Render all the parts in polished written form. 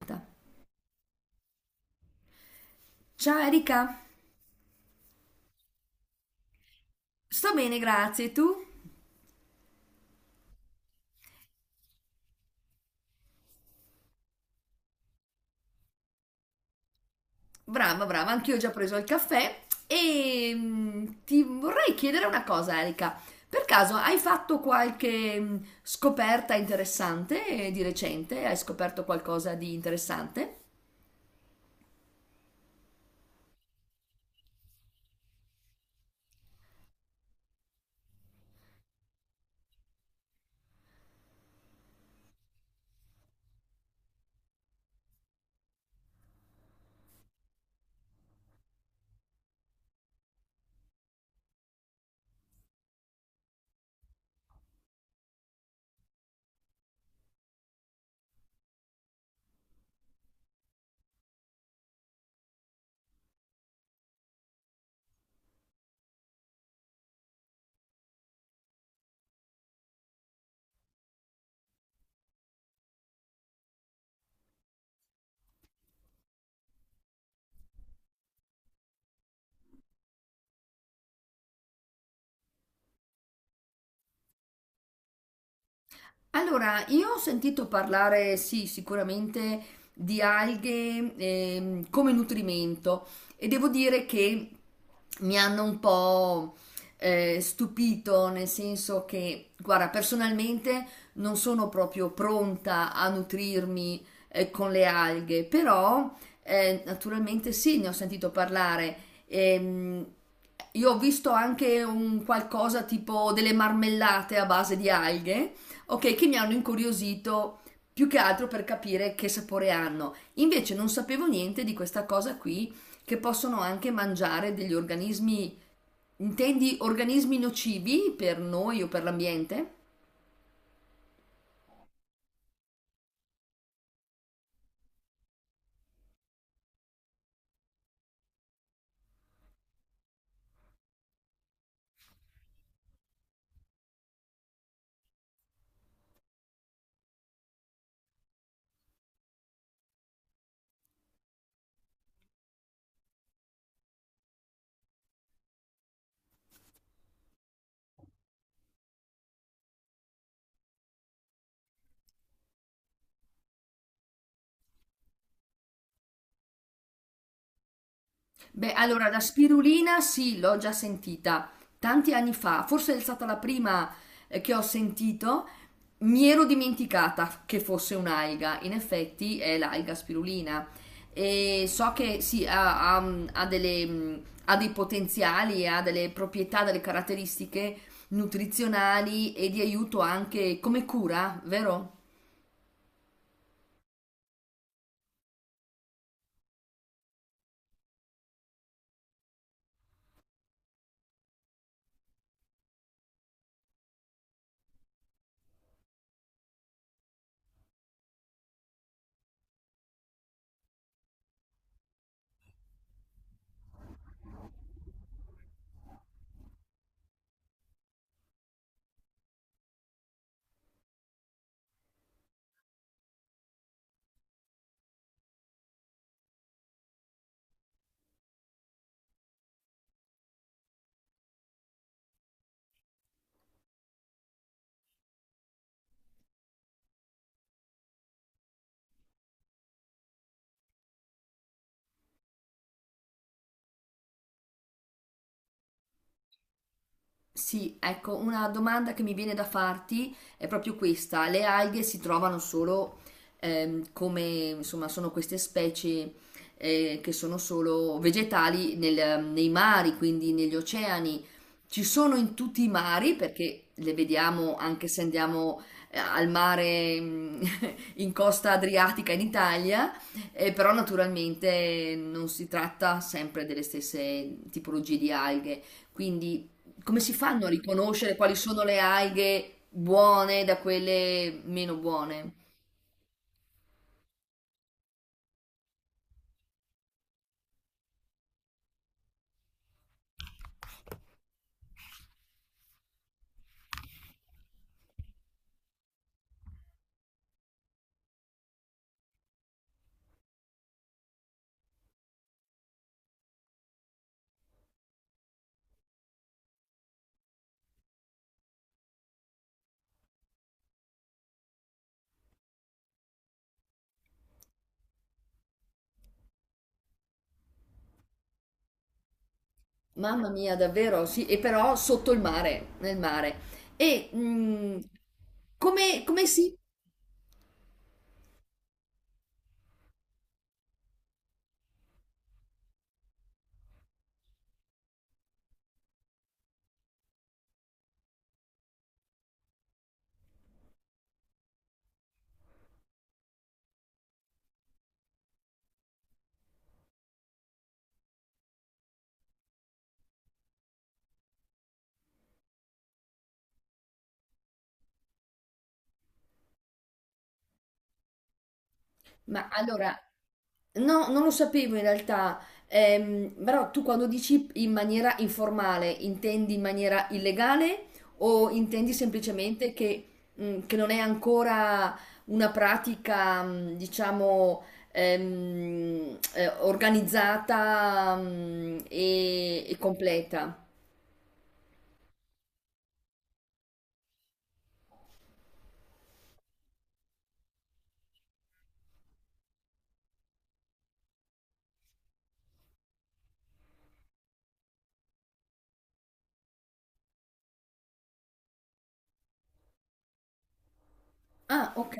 Aspetta. Ciao Erika, sto bene, grazie. Tu? Brava, brava, anch'io ho già preso il caffè e ti vorrei chiedere una cosa, Erika. Per caso hai fatto qualche scoperta interessante di recente? Hai scoperto qualcosa di interessante? Allora, io ho sentito parlare, sì, sicuramente di alghe come nutrimento e devo dire che mi hanno un po' stupito, nel senso che, guarda, personalmente non sono proprio pronta a nutrirmi con le alghe, però naturalmente sì, ne ho sentito parlare. Ehm, io ho visto anche un qualcosa tipo delle marmellate a base di alghe. Ok, che mi hanno incuriosito più che altro per capire che sapore hanno. Invece non sapevo niente di questa cosa qui, che possono anche mangiare degli organismi. Intendi organismi nocivi per noi o per l'ambiente? Beh, allora la spirulina sì, l'ho già sentita tanti anni fa, forse è stata la prima che ho sentito. Mi ero dimenticata che fosse un'alga, in effetti è l'alga spirulina. E so che sì, ha delle, ha dei potenziali, ha delle proprietà, delle caratteristiche nutrizionali e di aiuto anche come cura, vero? Sì, ecco, una domanda che mi viene da farti è proprio questa. Le alghe si trovano solo ehm, come, insomma, sono queste specie che sono solo vegetali nei mari, quindi negli oceani. Ci sono in tutti i mari perché le vediamo anche se andiamo al mare, in costa adriatica in Italia, però naturalmente non si tratta sempre delle stesse tipologie di alghe. Quindi come si fanno a riconoscere quali sono le alghe buone da quelle meno buone? Mamma mia, davvero, sì, e però sotto il mare, nel mare. E come, come si? Ma allora, no, non lo sapevo in realtà. Però tu quando dici in maniera informale, intendi in maniera illegale o intendi semplicemente che non è ancora una pratica, diciamo, organizzata, e completa? Ah, ok.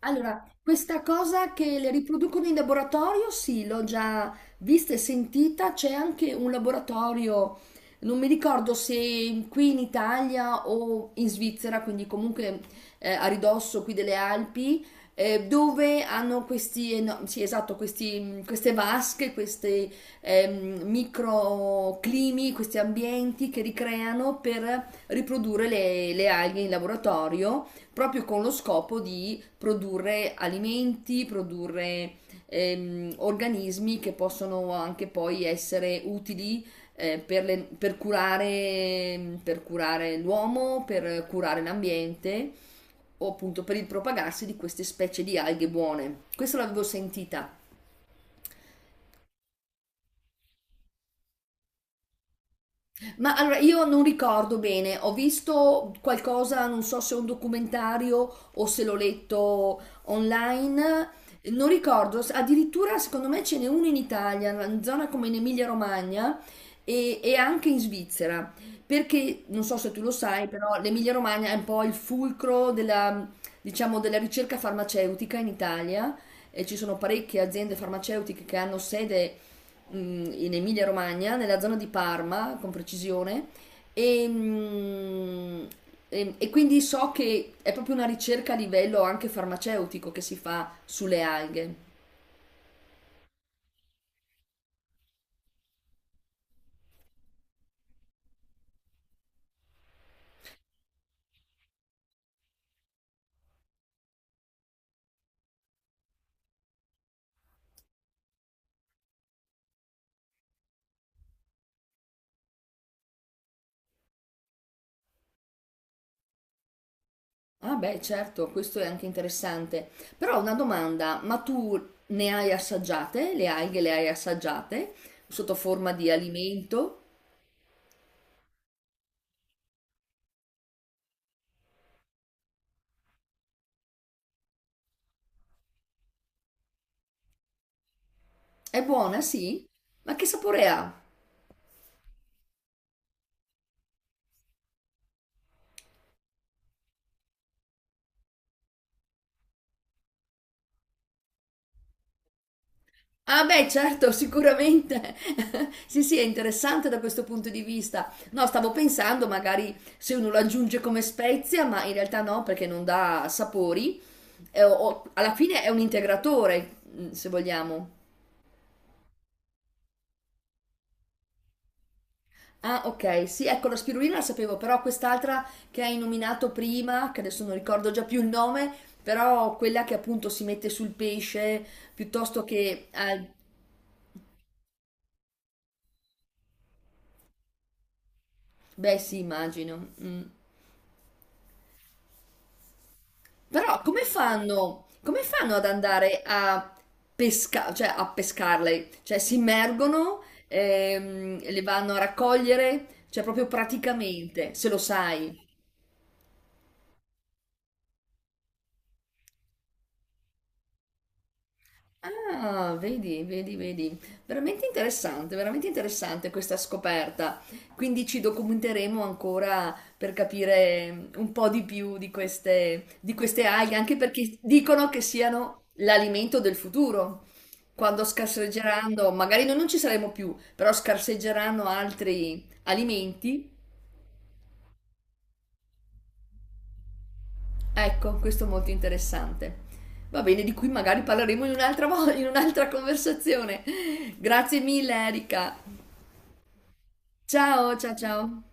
Allora, questa cosa che le riproducono in laboratorio, sì, l'ho già vista e sentita. C'è anche un laboratorio, non mi ricordo se qui in Italia o in Svizzera, quindi comunque a ridosso qui delle Alpi, dove hanno questi, sì, esatto, queste vasche, questi microclimi, questi ambienti che ricreano per riprodurre le alghe in laboratorio proprio con lo scopo di produrre alimenti, produrre organismi che possono anche poi essere utili per curare l'uomo, per curare l'ambiente o appunto per il propagarsi di queste specie di alghe buone. Questo l'avevo sentita. Ma allora io non ricordo bene, ho visto qualcosa, non so se è un documentario o se l'ho letto online, non ricordo, addirittura secondo me ce n'è uno in Italia, in zona come in Emilia-Romagna e anche in Svizzera, perché non so se tu lo sai, però l'Emilia-Romagna è un po' il fulcro della, diciamo, della ricerca farmaceutica in Italia. E ci sono parecchie aziende farmaceutiche che hanno sede mh, in Emilia Romagna, nella zona di Parma, con precisione, e, e quindi so che è proprio una ricerca a livello anche farmaceutico che si fa sulle alghe. Ah beh, certo, questo è anche interessante. Però ho una domanda, ma tu ne hai assaggiate? Le alghe le hai assaggiate sotto forma di alimento? È buona, sì? Ma che sapore ha? Ah beh, certo, sicuramente. Sì, sì, è interessante da questo punto di vista. No, stavo pensando magari se uno lo aggiunge come spezia, ma in realtà no, perché non dà sapori. Alla fine è un integratore, se vogliamo. Ah, ok, sì, ecco, la spirulina la sapevo, però quest'altra che hai nominato prima, che adesso non ricordo già più il nome, però quella che appunto si mette sul pesce piuttosto che... beh, sì, immagino. Mm. Però come fanno ad andare a pesca, cioè a pescarle? Cioè si immergono, le vanno a raccogliere, cioè proprio praticamente, se lo sai. Ah, vedi, vedi, vedi. Veramente interessante questa scoperta. Quindi ci documenteremo ancora per capire un po' di più di queste alghe, anche perché dicono che siano l'alimento del futuro. Quando scarseggeranno, magari noi non ci saremo più, però scarseggeranno altri alimenti. Ecco, questo è molto interessante. Va bene, di cui magari parleremo in in un'altra conversazione. Grazie mille, Erika. Ciao, ciao, ciao.